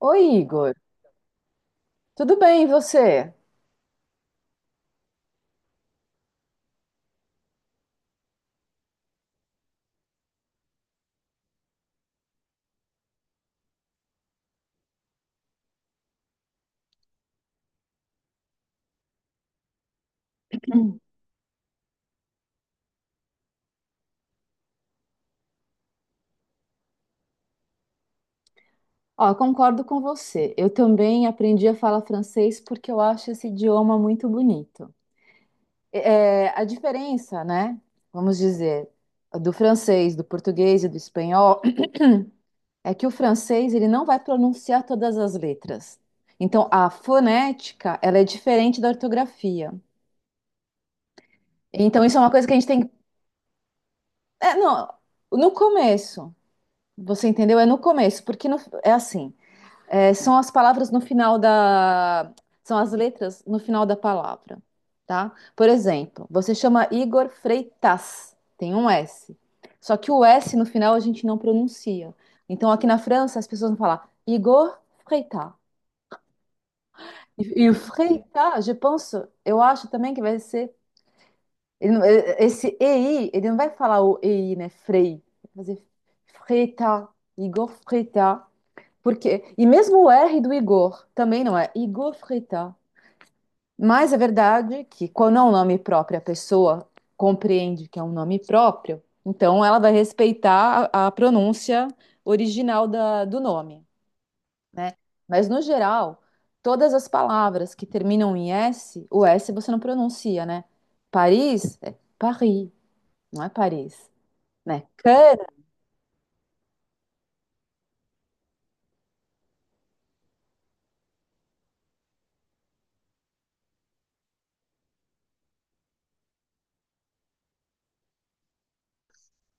Oi, Igor. Tudo bem, e você? Ó, concordo com você. Eu também aprendi a falar francês porque eu acho esse idioma muito bonito. É, a diferença, né, vamos dizer, do francês, do português e do espanhol é que o francês ele não vai pronunciar todas as letras. Então, a fonética, ela é diferente da ortografia. Então, isso é uma coisa que a gente tem... É, não, no começo, você entendeu? É no começo, porque no- é assim... É, são as palavras no final da. São as letras no final da palavra, tá? Por exemplo, você chama Igor Freitas, tem um S. Só que o S no final a gente não pronuncia. Então aqui na França as pessoas vão falar Igor Freitas. E o Freitas, eu acho também que vai ser. Ele não- eh, Esse EI, ele não vai falar o EI, né? Frei. Vai fazer Freitas, Igor Freitas. Porque, e mesmo o R do Igor também não é Igor Frita. Mas é verdade que quando é um nome próprio, a pessoa compreende que é um nome próprio, então ela vai respeitar a pronúncia original do nome, né? Mas no geral, todas as palavras que terminam em S, o S você não pronuncia, né? Paris é Paris, não é Paris, né?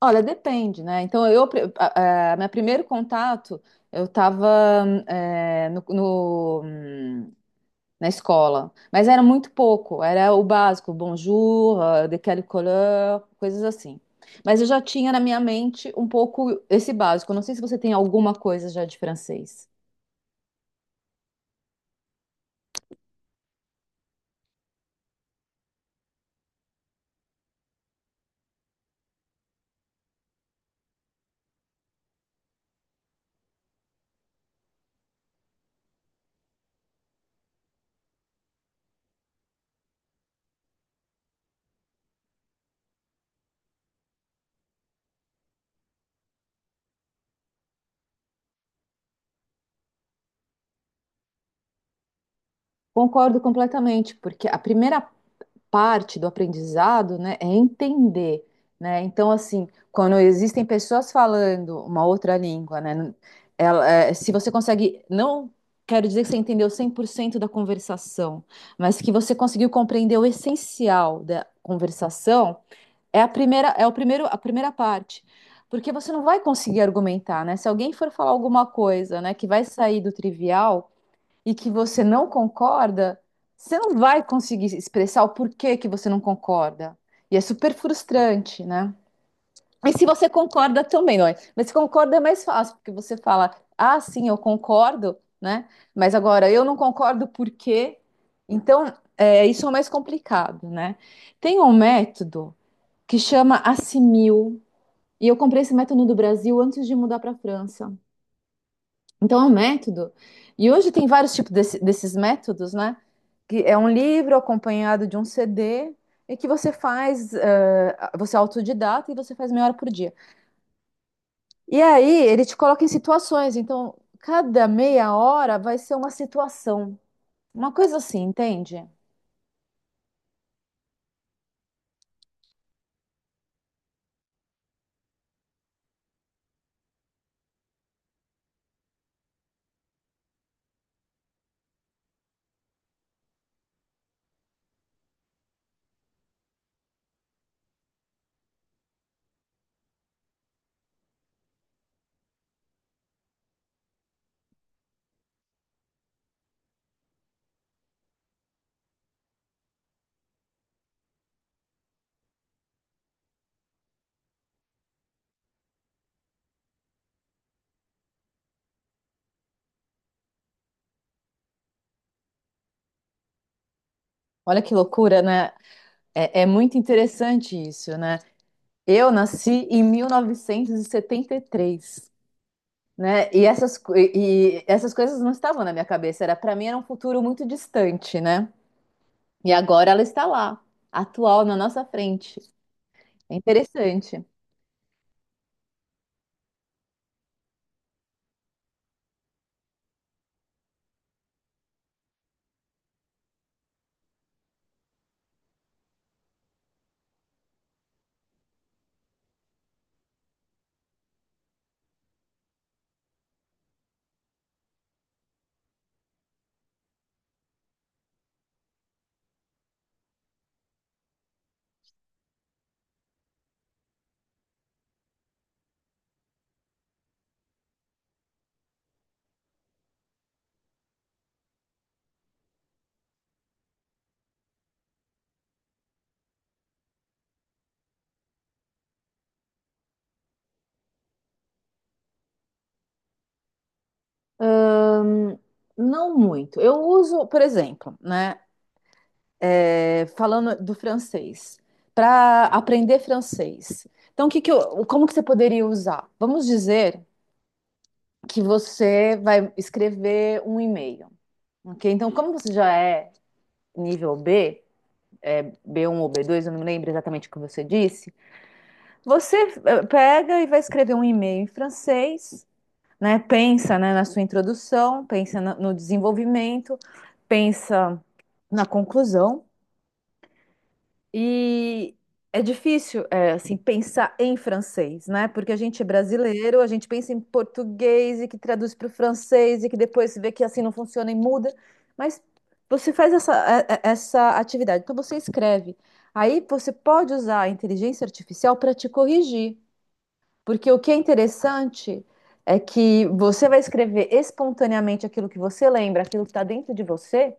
Olha, depende, né? Então, eu, meu primeiro contato, eu estava no, no- hum, na escola, mas era muito pouco, era o básico, bonjour, de quelle couleur, coisas assim. Mas eu já tinha na minha mente um pouco esse básico. Eu não sei se você tem alguma coisa já de francês. Concordo completamente, porque a primeira parte do aprendizado, né, é entender, né? Então, assim, quando existem pessoas falando uma outra língua, né, ela, é, se você consegue, não quero dizer que você entendeu 100% da conversação, mas que você conseguiu compreender o essencial da conversação, é a primeira, é o primeiro, a primeira parte. Porque você não vai conseguir argumentar, né? Se alguém for falar alguma coisa, né, que vai sair do trivial, e que você não concorda, você não vai conseguir expressar o porquê que você não concorda. E é super frustrante, né? E se você concorda também, não é? Mas se concorda é mais fácil, porque você fala, ah, sim, eu concordo, né? Mas agora eu não concordo por quê? Então, é, isso é mais complicado, né? Tem um método que chama assimil, e eu comprei esse método no Brasil antes de mudar para a França, então é um método. E hoje tem vários tipos desses métodos, né? Que é um livro acompanhado de um CD e que você faz, você é autodidata e você faz meia hora por dia. E aí ele te coloca em situações. Então, cada meia hora vai ser uma situação. Uma coisa assim, entende? Olha que loucura, né? É muito interessante isso, né? Eu nasci em 1973. Né? E e essas coisas não estavam na minha cabeça. Era para mim, era um futuro muito distante, né? E agora ela está lá, atual na nossa frente. É interessante. Ahn, não muito. Eu uso, por exemplo, né? É, falando do francês, para aprender francês. Então, o que que eu, como que você poderia usar? Vamos dizer que você vai escrever um e-mail, ok? Então, como você já é nível B, é, b um ou b dois, eu não lembro exatamente o que você disse. Você pega e vai escrever um e-mail em francês, né? Pensa, né, na sua introdução, pensa no desenvolvimento, pensa na conclusão e é difícil, é, assim, pensar em francês, né? Porque a gente é brasileiro, a gente pensa em português e que traduz para o francês e que depois se vê que assim não funciona e muda. Mas você faz essa atividade, então você escreve. Aí você pode usar a inteligência artificial para te corrigir, porque o que é interessante é que você vai escrever espontaneamente aquilo que você lembra, aquilo que está dentro de você.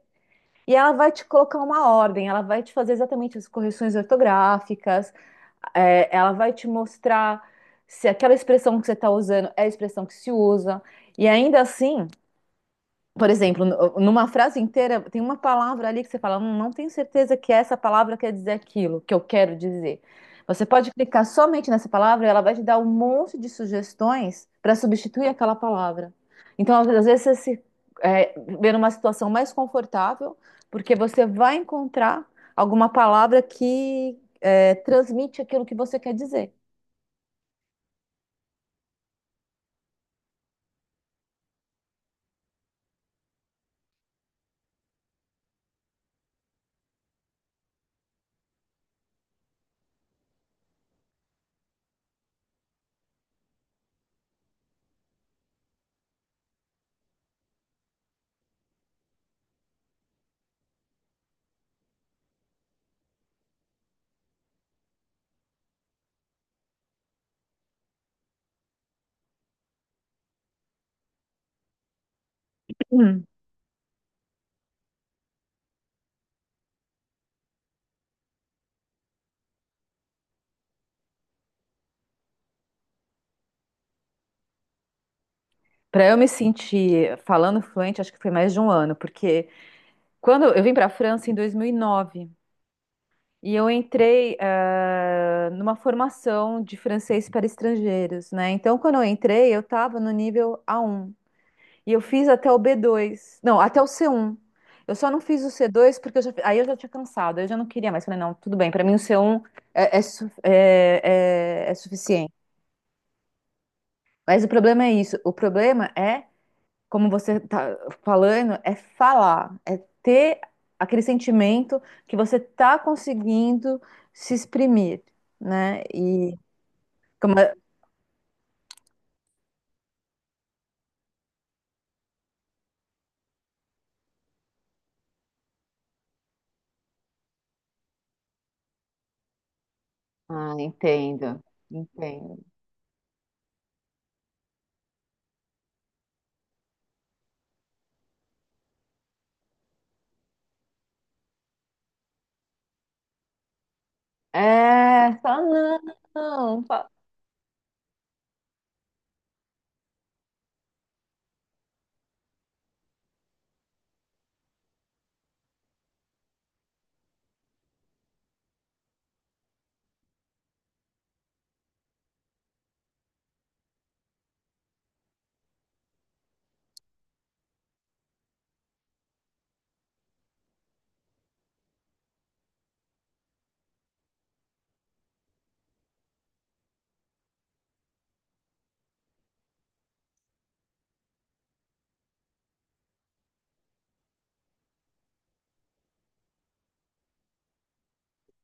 E ela vai te colocar uma ordem, ela vai te fazer exatamente as correções ortográficas, é, ela vai te mostrar se aquela expressão que você está usando é a expressão que se usa. E ainda assim, por exemplo, numa frase inteira, tem uma palavra ali que você fala, não tenho certeza que essa palavra quer dizer aquilo que eu quero dizer." Você pode clicar somente nessa palavra e ela vai te dar um monte de sugestões para substituir aquela palavra. Então, às vezes, você se é, vê numa situação mais confortável, porque você vai encontrar alguma palavra que transmite aquilo que você quer dizer. Hum. Para eu me sentir falando fluente, acho que foi mais de um ano, porque quando eu vim para a França em dois mil e nove e eu entrei numa formação de francês para estrangeiros, né? Então, quando eu entrei, eu estava no nível a um e eu fiz até o b dois, não, até o c um. Eu só não fiz o c dois porque aí eu já tinha cansado, eu já não queria mais. Falei, não, tudo bem, para mim o c um é, é, su- é- é suficiente. Mas o problema é isso, o problema é como você tá falando, é falar, é ter aquele sentimento que você tá conseguindo se exprimir, né? E como Ah, entendo, entendo. É, fala não.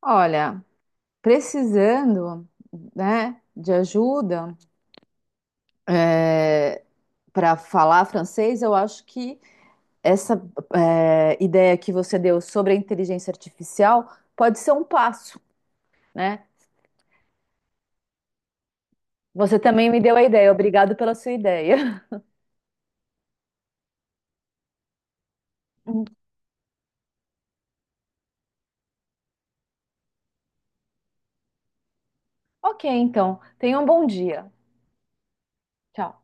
Olha, precisando, né, de ajuda para falar francês, eu acho que essa ideia que você deu sobre a inteligência artificial pode ser um passo, né? Você também me deu a ideia. Obrigado pela sua ideia. Ok, então. Tenha um bom dia. Tchau.